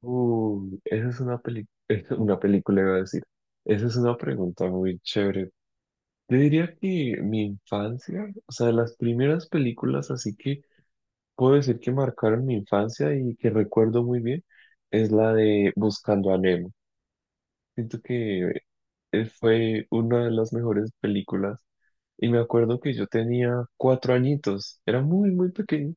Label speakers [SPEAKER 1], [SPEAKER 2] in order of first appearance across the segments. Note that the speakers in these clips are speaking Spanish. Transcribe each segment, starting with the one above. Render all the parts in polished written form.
[SPEAKER 1] Uy, esa es una peli- una película, iba a decir. Esa es una pregunta muy chévere. Yo diría que mi infancia, o sea, las primeras películas, así que puedo decir que marcaron mi infancia y que recuerdo muy bien, es la de Buscando a Nemo. Siento que fue una de las mejores películas y me acuerdo que yo tenía 4 añitos, era muy, muy pequeño.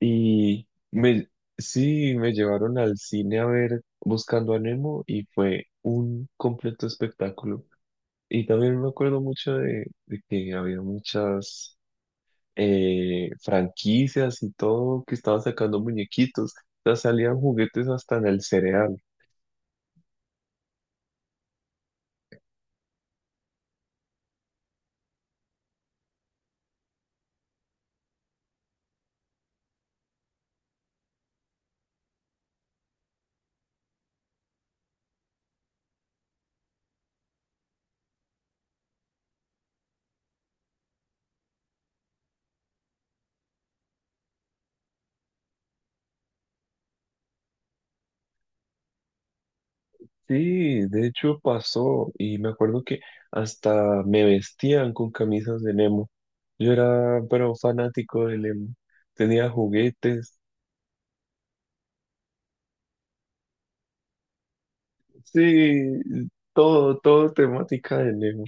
[SPEAKER 1] Y me, sí, me llevaron al cine a ver Buscando a Nemo y fue un completo espectáculo. Y también me acuerdo mucho de que había muchas franquicias y todo que estaban sacando muñequitos. O sea, salían juguetes hasta en el cereal. Sí, de hecho pasó y me acuerdo que hasta me vestían con camisas de Nemo. Yo era, pero fanático de Nemo. Tenía juguetes. Sí, todo, todo temática de Leo.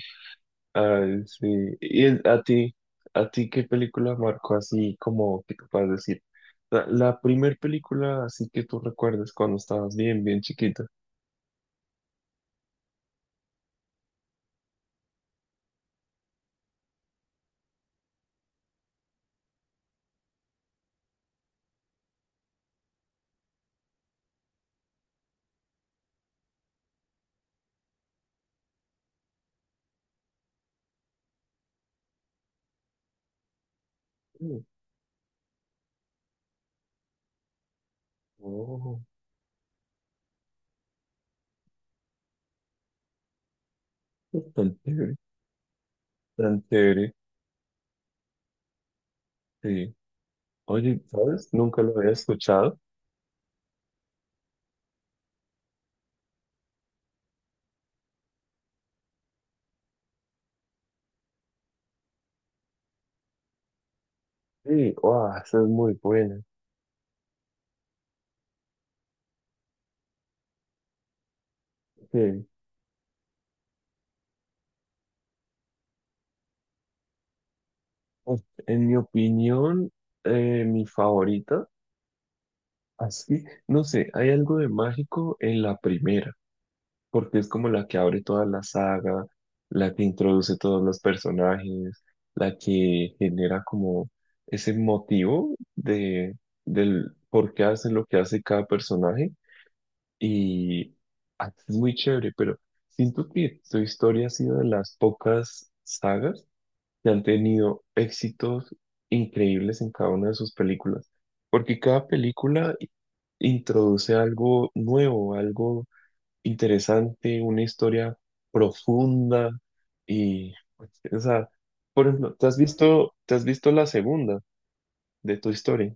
[SPEAKER 1] Ay, sí. ¿Y a ti qué película marcó así como que te puedas decir? La primer película así que tú recuerdas cuando estabas bien, bien chiquita. Mm. Oh, tan chévere, tan chévere. Sí. Oye, ¿sabes? Nunca lo había escuchado. Sí, wow, esa es muy buena. Sí. Uf, en mi opinión, mi favorita, así, no sé, hay algo de mágico en la primera, porque es como la que abre toda la saga, la que introduce todos los personajes, la que genera como ese motivo del por qué hace lo que hace cada personaje y ah, es muy chévere, pero siento que su historia ha sido de las pocas sagas que han tenido éxitos increíbles en cada una de sus películas, porque cada película introduce algo nuevo, algo interesante, una historia profunda y, o sea, por ejemplo, ¿te has visto la segunda de tu historia?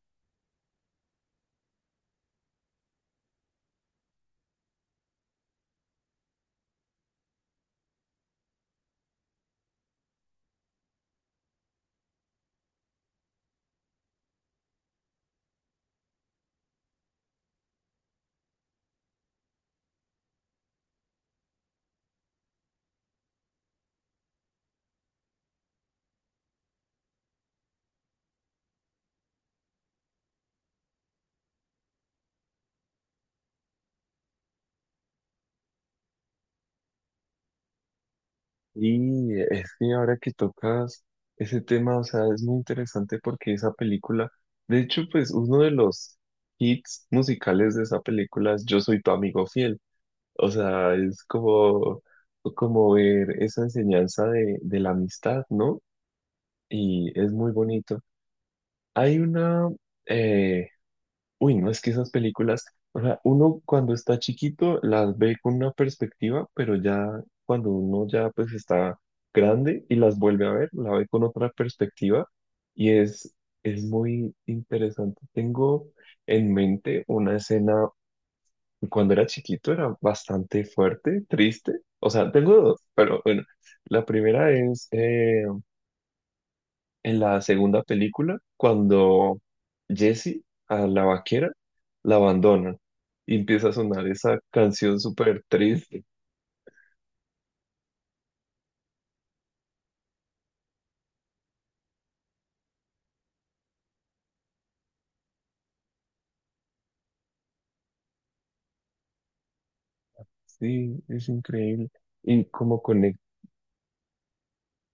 [SPEAKER 1] Y es que ahora que tocas ese tema, o sea, es muy interesante porque esa película, de hecho, pues uno de los hits musicales de esa película es Yo soy tu amigo fiel. O sea, es como, como ver esa enseñanza de la amistad, ¿no? Y es muy bonito. Hay una, eh, uy, no, es que esas películas, o sea, uno cuando está chiquito las ve con una perspectiva, pero ya cuando uno ya pues está grande y las vuelve a ver, la ve con otra perspectiva y es muy interesante. Tengo en mente una escena, cuando era chiquito era bastante fuerte, triste, o sea, tengo dos, pero bueno, la primera es en la segunda película cuando Jessie a la vaquera la abandona y empieza a sonar esa canción súper triste. Sí, es increíble. Y como conecta.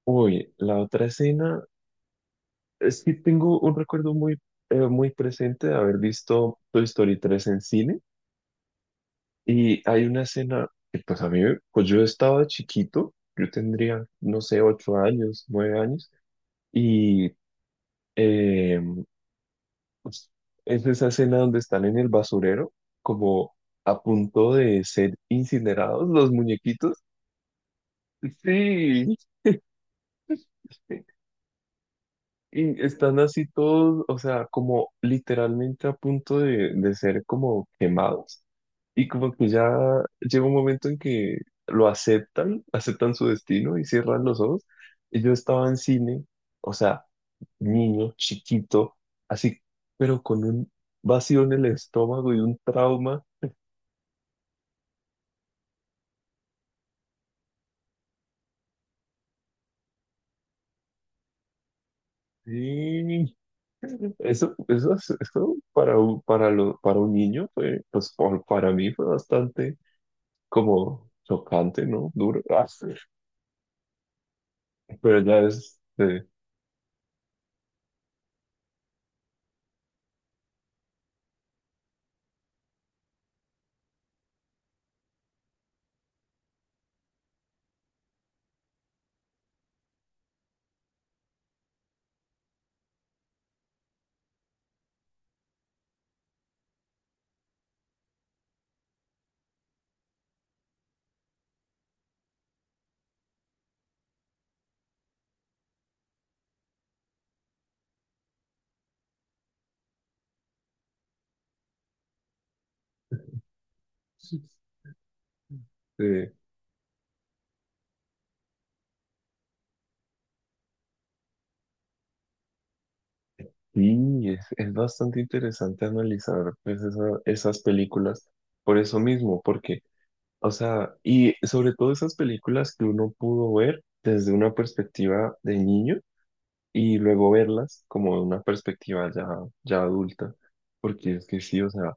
[SPEAKER 1] Uy, la otra escena es que tengo un recuerdo muy, muy presente de haber visto Toy Story 3 en cine y hay una escena que pues a mí, pues yo estaba chiquito, yo tendría, no sé, 8 años, 9 años y... eh, Pues, es esa escena donde están en el basurero, como a punto de ser incinerados los muñequitos. Sí. Y están así todos, o sea, como literalmente a punto de ser como quemados. Y como que ya llega un momento en que lo aceptan, aceptan su destino y cierran los ojos. Y yo estaba en cine, o sea, niño, chiquito, así, pero con un vacío en el estómago y un trauma. Sí, eso, es- eso para, un- para, lo- para un niño fue, para mí fue bastante como chocante, ¿no? Duro. Ah, sí. Pero ya eh, sí, es bastante interesante analizar pues, esas películas por eso mismo, porque, o sea, y sobre todo esas películas que uno pudo ver desde una perspectiva de niño y luego verlas como de una perspectiva ya, ya adulta, porque es que sí, o sea,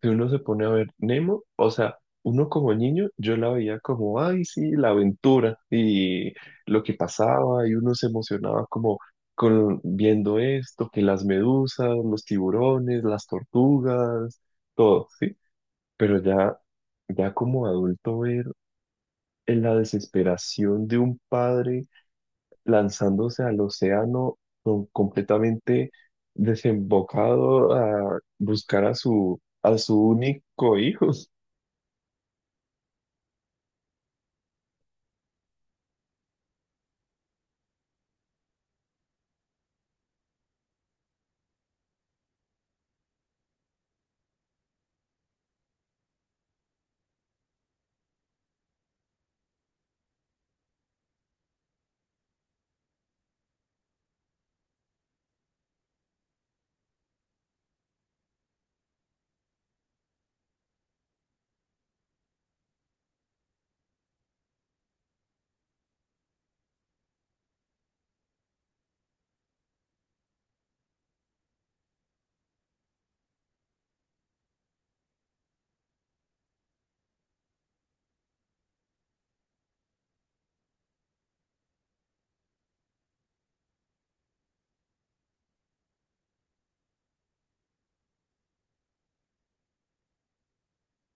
[SPEAKER 1] si uno se pone a ver Nemo, o sea, uno como niño, yo la veía como, ay, sí, la aventura y lo que pasaba, y uno se emocionaba como con, viendo esto, que las medusas, los tiburones, las tortugas, todo, ¿sí? Pero ya, ya como adulto ver en la desesperación de un padre lanzándose al océano completamente desembocado a buscar a a su único hijo.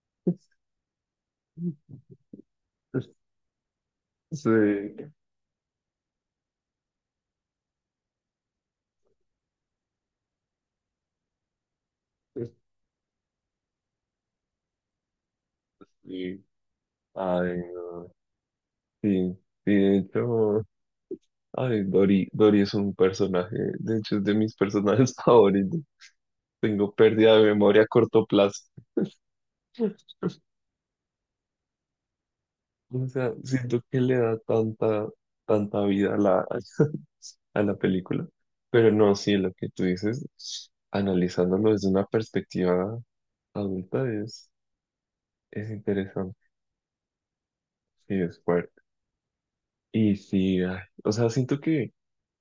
[SPEAKER 1] Sí, sí. Ay, no. Sí, sí, de hecho, ay, Dory, Dory es un personaje, de hecho es de mis personajes favoritos. Tengo pérdida de memoria a corto plazo. O sea, siento que le da tanta, tanta vida a a la película. Pero no, sí, lo que tú dices, analizándolo desde una perspectiva adulta es interesante y es fuerte. Y sí, ay, o sea, siento que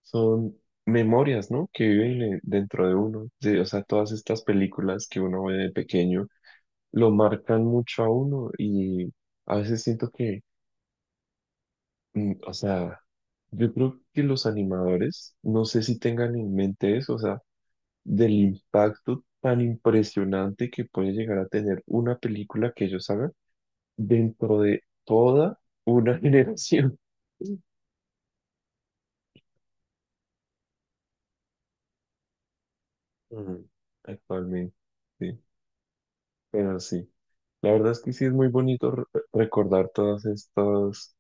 [SPEAKER 1] son memorias, ¿no? Que viven dentro de uno. O sea, todas estas películas que uno ve de pequeño lo marcan mucho a uno y a veces siento que o sea, yo creo que los animadores, no sé si tengan en mente eso, o sea, del impacto tan impresionante que puede llegar a tener una película que ellos hagan dentro de toda una generación Mm, actualmente. Sí, pero sí. La verdad es que sí es muy bonito recordar todas estas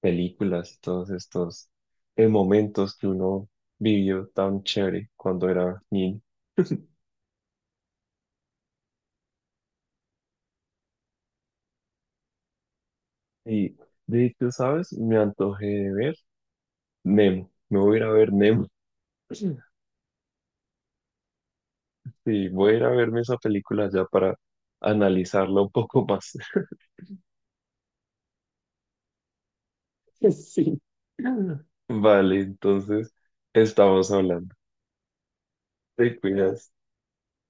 [SPEAKER 1] películas y todos estos momentos que uno vivió tan chévere cuando era niño. Y de hecho, ¿sabes? Me antojé de ver Nemo. Me voy a ir a ver Nemo. Sí, sí, voy a ir a verme esa película ya para analizarla un poco más. Sí. Vale, entonces estamos hablando. Te cuidas.